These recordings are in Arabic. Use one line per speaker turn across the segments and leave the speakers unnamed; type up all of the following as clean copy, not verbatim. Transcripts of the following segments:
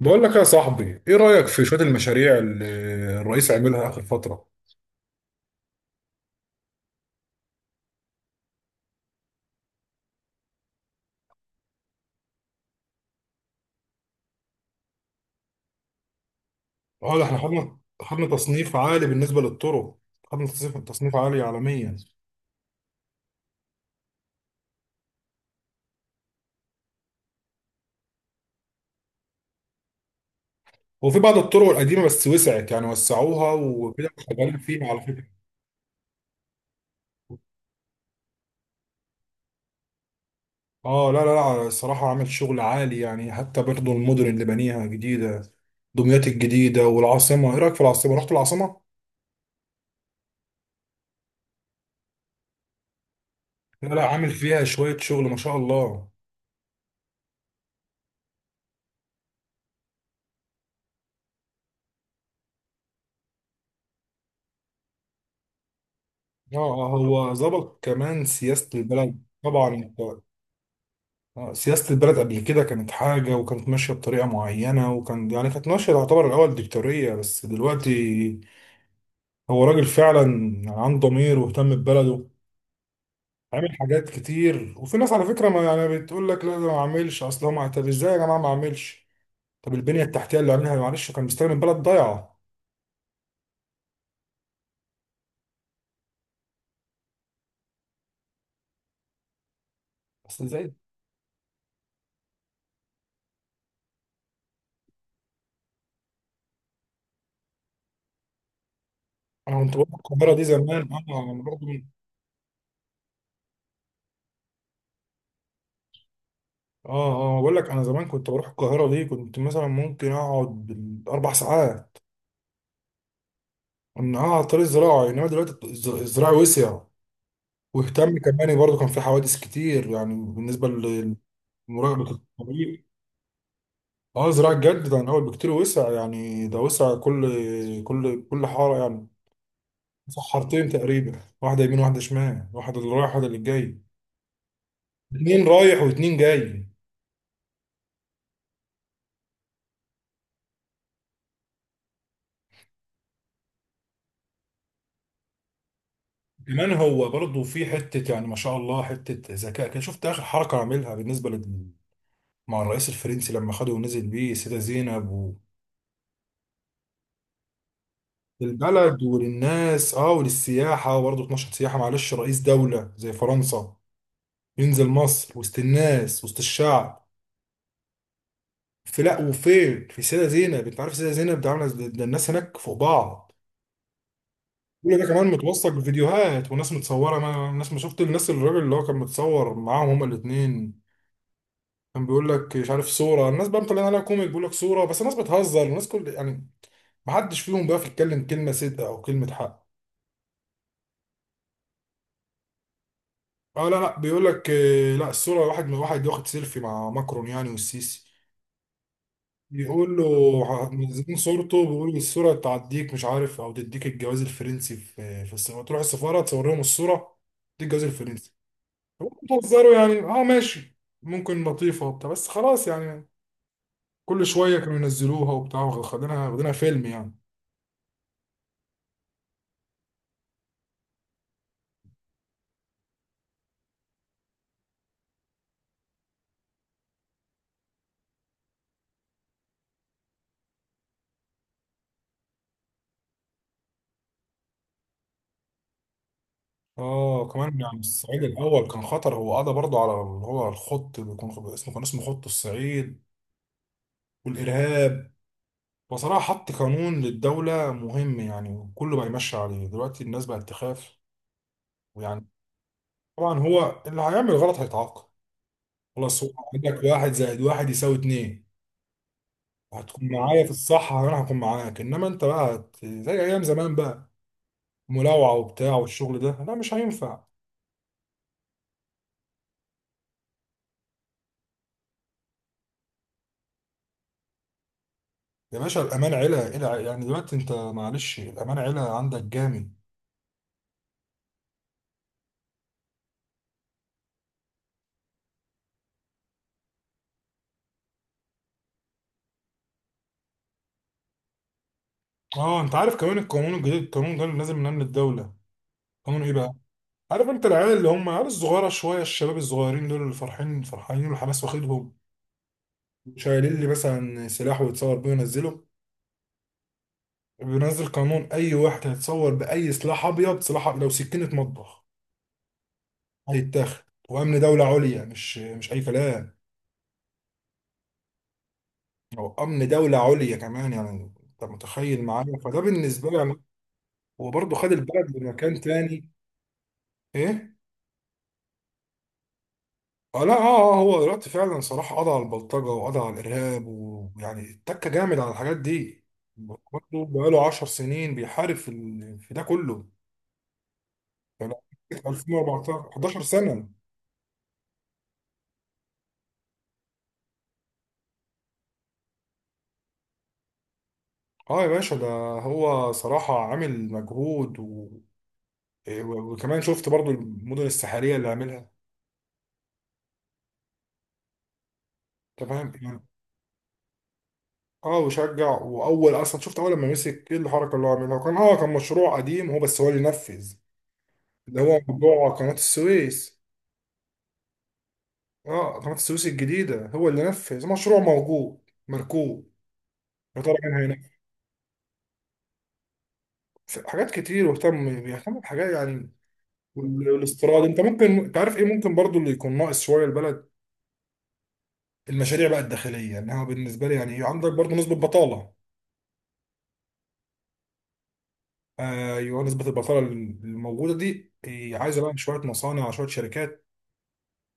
بقول لك يا صاحبي ايه رأيك في شوية المشاريع اللي الرئيس عاملها آخر فترة؟ اه، ده احنا خدنا تصنيف عالي بالنسبة للطرق. خدنا تصنيف عالي عالميا. وفي بعض الطرق القديمة بس وسعت، يعني وسعوها وكده شغالين فيها على فكرة. اه لا لا لا، الصراحة عامل شغل عالي يعني. حتى برضه المدن اللي بنيها جديدة، دمياط الجديدة والعاصمة. ايه رأيك في العاصمة؟ رحت العاصمة؟ لا لا، عامل فيها شوية شغل ما شاء الله. اه آه، هو ظبط كمان سياسة البلد طبعا. انت آه، سياسة البلد قبل كده كانت حاجة وكانت ماشية بطريقة معينة، وكان يعني كانت ماشية تعتبر الأول ديكتاتورية، بس دلوقتي هو راجل فعلا عنده ضمير واهتم ببلده. عامل حاجات كتير، وفي ناس على فكرة ما يعني بتقول لك لا ده ما عملش. أصل هو طب إزاي يا جماعة ما عملش؟ طب البنية التحتية اللي عاملها معلش، كان مستخدم البلد ضايعة. أصل إزاي. أنا كنت بروح القاهرة دي زمان. أنا أنا آه آه، بقول لك أنا زمان كنت بروح القاهرة دي، كنت مثلا ممكن أقعد بالأربع ساعات. انها على الطريق الزراعي، انما دلوقتي الزراعي وسع. واهتم كمان برضه، كان في حوادث كتير يعني بالنسبه لمراقبه الطريق. اه زراعي جد ده من اول بكتير وسع، يعني ده وسع كل حاره يعني. وسع حارتين تقريبا، واحده يمين واحده شمال، واحده اللي رايح واحده اللي جاي. اتنين رايح واتنين جاي. كمان هو برضه في حته يعني ما شاء الله، حته ذكاء كده. شفت اخر حركه عاملها بالنسبه لل مع الرئيس الفرنسي لما خده ونزل بيه السيده زينب؟ للبلد وللناس، اه وللسياحة برضه. 12 سياحة معلش، رئيس دولة زي فرنسا ينزل مصر وسط الناس وسط الشعب. في لا وفين، في سيدة زينب! انت عارف سيدة زينب ده ده الناس هناك فوق بعض. كل ده كمان متوثق بفيديوهات وناس متصورة. ما الناس ما شفت الناس، الراجل اللي هو كان متصور معاهم هما الاتنين كان بيقول لك مش عارف صورة. الناس بقى مطلعين عليها كوميك، بيقول لك صورة بس الناس بتهزر. الناس كل يعني ما حدش فيهم بقى يتكلم كلمة صدق او كلمة حق. اه لا لا، بيقول لك آه، لا الصوره واحد من واحد واخد سيلفي مع ماكرون، يعني والسيسي بيقول له منزلين صورته. بيقول الصوره تعديك، مش عارف، او تديك الجواز الفرنسي. في السفاره، تروح السفاره تصور لهم الصوره تديك الجواز الفرنسي. هو بتهزروا يعني؟ اه ماشي، ممكن لطيفه وبتاع، بس خلاص يعني. كل شويه كانوا ينزلوها وبتاع، واخدينها واخدينها فيلم يعني. اه كمان يعني الصعيد الاول كان خطر، هو قضى برضه على اللي هو الخط اللي اسمه، كان اسمه خط الصعيد والارهاب. بصراحة حط قانون للدولة مهم يعني، وكله بقى يمشي عليه دلوقتي. الناس بقت تخاف ويعني. طبعا هو اللي هيعمل غلط هيتعاقب، خلاص. هو عندك واحد زائد واحد يساوي اتنين. هتكون معايا في الصح انا هكون معاك، انما انت بقى زي ايام زمان بقى، ملاوعة وبتاع والشغل ده لا مش هينفع. يا باشا الامان علا يعني دلوقتي انت، معلش، الامان علا عندك جامد. اه، انت عارف كمان القانون الجديد، القانون ده اللي نازل من امن الدولة؟ قانون ايه بقى. عارف انت العيال اللي هم عيال الصغيره شويه، الشباب الصغيرين دول اللي فرحين فرحانين والحماس واخدهم، شايلين لي مثلا سلاح ويتصور بيه وينزله؟ بينزل قانون، اي واحد هيتصور باي سلاح ابيض، سلاح أبيض لو سكينه مطبخ هيتاخد، وامن دوله عليا، مش اي كلام. او امن دوله عليا كمان، يعني انت متخيل معايا؟ فده بالنسبه لي يعني هو برضه خد البلد لمكان تاني. ايه؟ اه لا اه اه، هو دلوقتي فعلا صلاح قضى على البلطجة وقضى على الإرهاب، ويعني اتك جامد على الحاجات دي برضه. بقاله 10 سنين بيحارب في في ده كله يعني. 2014، 11 سنة. اه يا باشا ده هو صراحة عامل مجهود وكمان شفت برضو المدن الساحلية اللي عاملها، تمام يعني. اه وشجع، واول اصلا شفت اول لما مسك ايه الحركة اللي هو عاملها؟ كان اه كان مشروع قديم هو بس هو اللي نفذ، اللي هو موضوع قناة السويس. اه قناة السويس الجديدة، هو اللي نفذ مشروع موجود مركوب، يا ترى مين هينفذ. حاجات كتير، واهتم بيهتم بحاجات يعني. والاستيراد، انت ممكن، انت عارف ايه ممكن برضو اللي يكون ناقص شوية البلد. المشاريع بقى الداخلية، انها بالنسبة لي يعني عندك برضو نسبة بطالة. ايوه، نسبة البطالة الموجودة دي، هي عايزة بقى شوية مصانع شوية شركات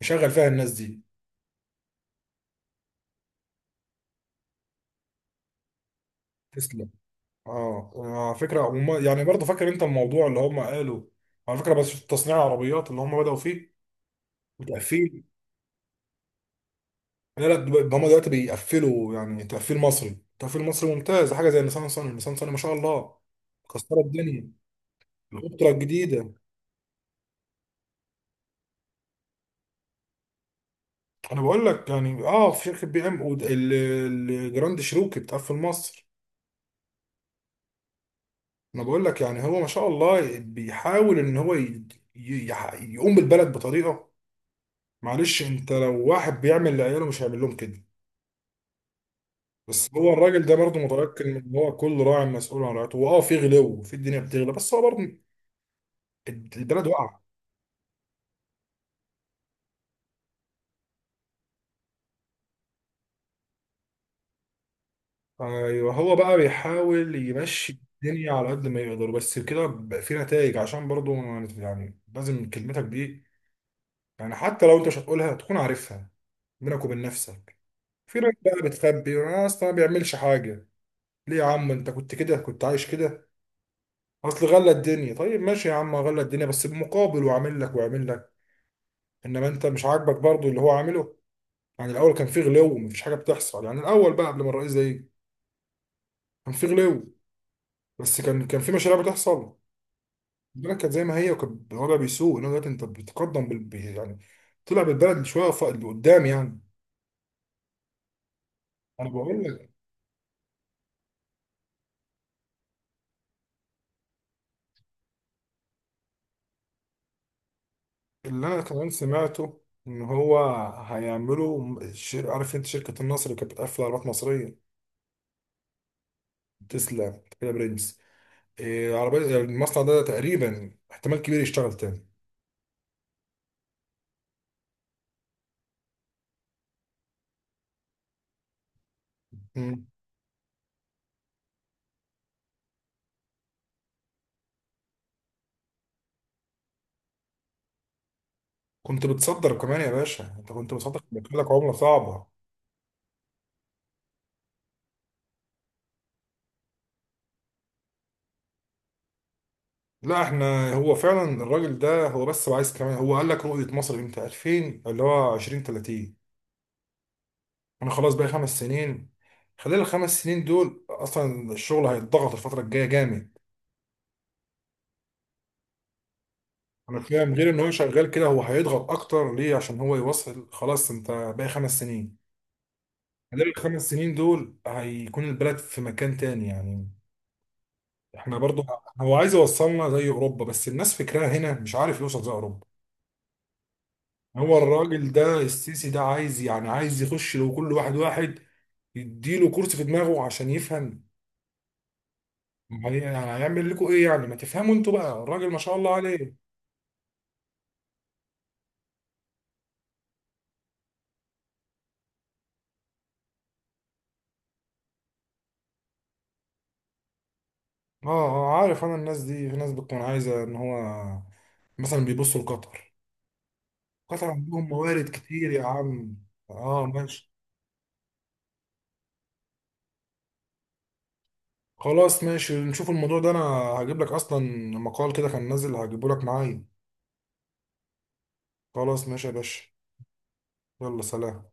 يشغل فيها الناس دي. تسلم. اه، على فكرة هم يعني برضو، فاكر انت الموضوع اللي هم قالوا على فكرة بس في تصنيع العربيات اللي هم بدأوا فيه وتقفيل؟ لا لا، هما دلوقتي بيقفلوا يعني تقفيل مصري. تقفيل مصري ممتاز، حاجه زي نيسان صني. نيسان صني ما شاء الله مكسره الدنيا. الاوبترا الجديده، انا بقول لك يعني اه في شركه بي ام الجراند شيروكي بتقفل مصر. انا بقول لك يعني هو ما شاء الله بيحاول ان هو يقوم بالبلد بطريقه. معلش، انت لو واحد بيعمل لعياله مش هيعمل لهم كده. بس هو الراجل ده برضه متيقن ان هو كل راعي مسؤول عن رعيته. هو اه في غلو، في الدنيا بتغلى، بس هو برضه البلد واقعه. ايوه، هو بقى بيحاول يمشي الدنيا على قد ما يقدر، بس كده بقى في نتائج عشان برضو يعني لازم. كلمتك دي يعني حتى لو انت مش هتقولها تكون عارفها بينك وبين نفسك. في ناس بقى بتخبي، انا اصلا ما بيعملش حاجه. ليه يا عم انت كنت كده، كنت عايش كده. اصل غلى الدنيا، طيب ماشي يا عم غلى الدنيا بس بمقابل، وعامل لك وعامل لك. انما انت مش عاجبك برضو اللي هو عامله. يعني الاول كان في غلو ومفيش حاجه بتحصل، يعني الاول بقى قبل ما الرئيس ده يجي كان في غلو، بس كان كان في مشاريع بتحصل. البلد كانت زي ما هي وكان الوضع بيسوء، انه دلوقتي انت بتقدم يعني طلع بالبلد شويه لقدام يعني. انا بقول لك، اللي انا كمان سمعته ان هو عارف انت شركه النصر اللي كانت بتقفل عربيات مصريه؟ تسلا كده برنس، إيه عربيه يعني. المصنع ده تقريبا احتمال كبير يشتغل تاني. مم. كنت بتصدر كمان يا باشا، انت كنت بتصدر بيكون لك عمله صعبه. لا احنا، هو فعلا الراجل ده، هو بس عايز كمان، هو قال لك رؤيه مصر امتى 2000، اللي هو 2030. انا خلاص بقى خمس سنين. خلال الخمس سنين دول اصلا الشغل هيتضغط، الفتره الجايه جامد. انا فاهم غير ان هو شغال كده، هو هيضغط اكتر ليه؟ عشان هو يوصل خلاص، انت باقي خمس سنين. خلال الخمس سنين دول هيكون البلد في مكان تاني يعني. احنا برضو، هو عايز يوصلنا زي اوروبا، بس الناس فكرها هنا مش عارف يوصل زي اوروبا. هو الراجل ده السيسي ده عايز، يعني عايز يخش لو كل واحد واحد يديله كرسي في دماغه عشان يفهم. ما هي- يعني هيعمل لكم ايه؟ يعني ما تفهموا انتوا بقى الراجل ما شاء الله عليه. اه اه، عارف انا الناس دي، في ناس بتكون عايزه ان هو مثلا بيبصوا لقطر. قطر عندهم موارد كتير يا عم. اه ماشي. خلاص ماشي، نشوف الموضوع ده. انا هجيب لك اصلا مقال كده كان نازل، هجيبه لك معايا. خلاص ماشي يا باشا. يلا سلام.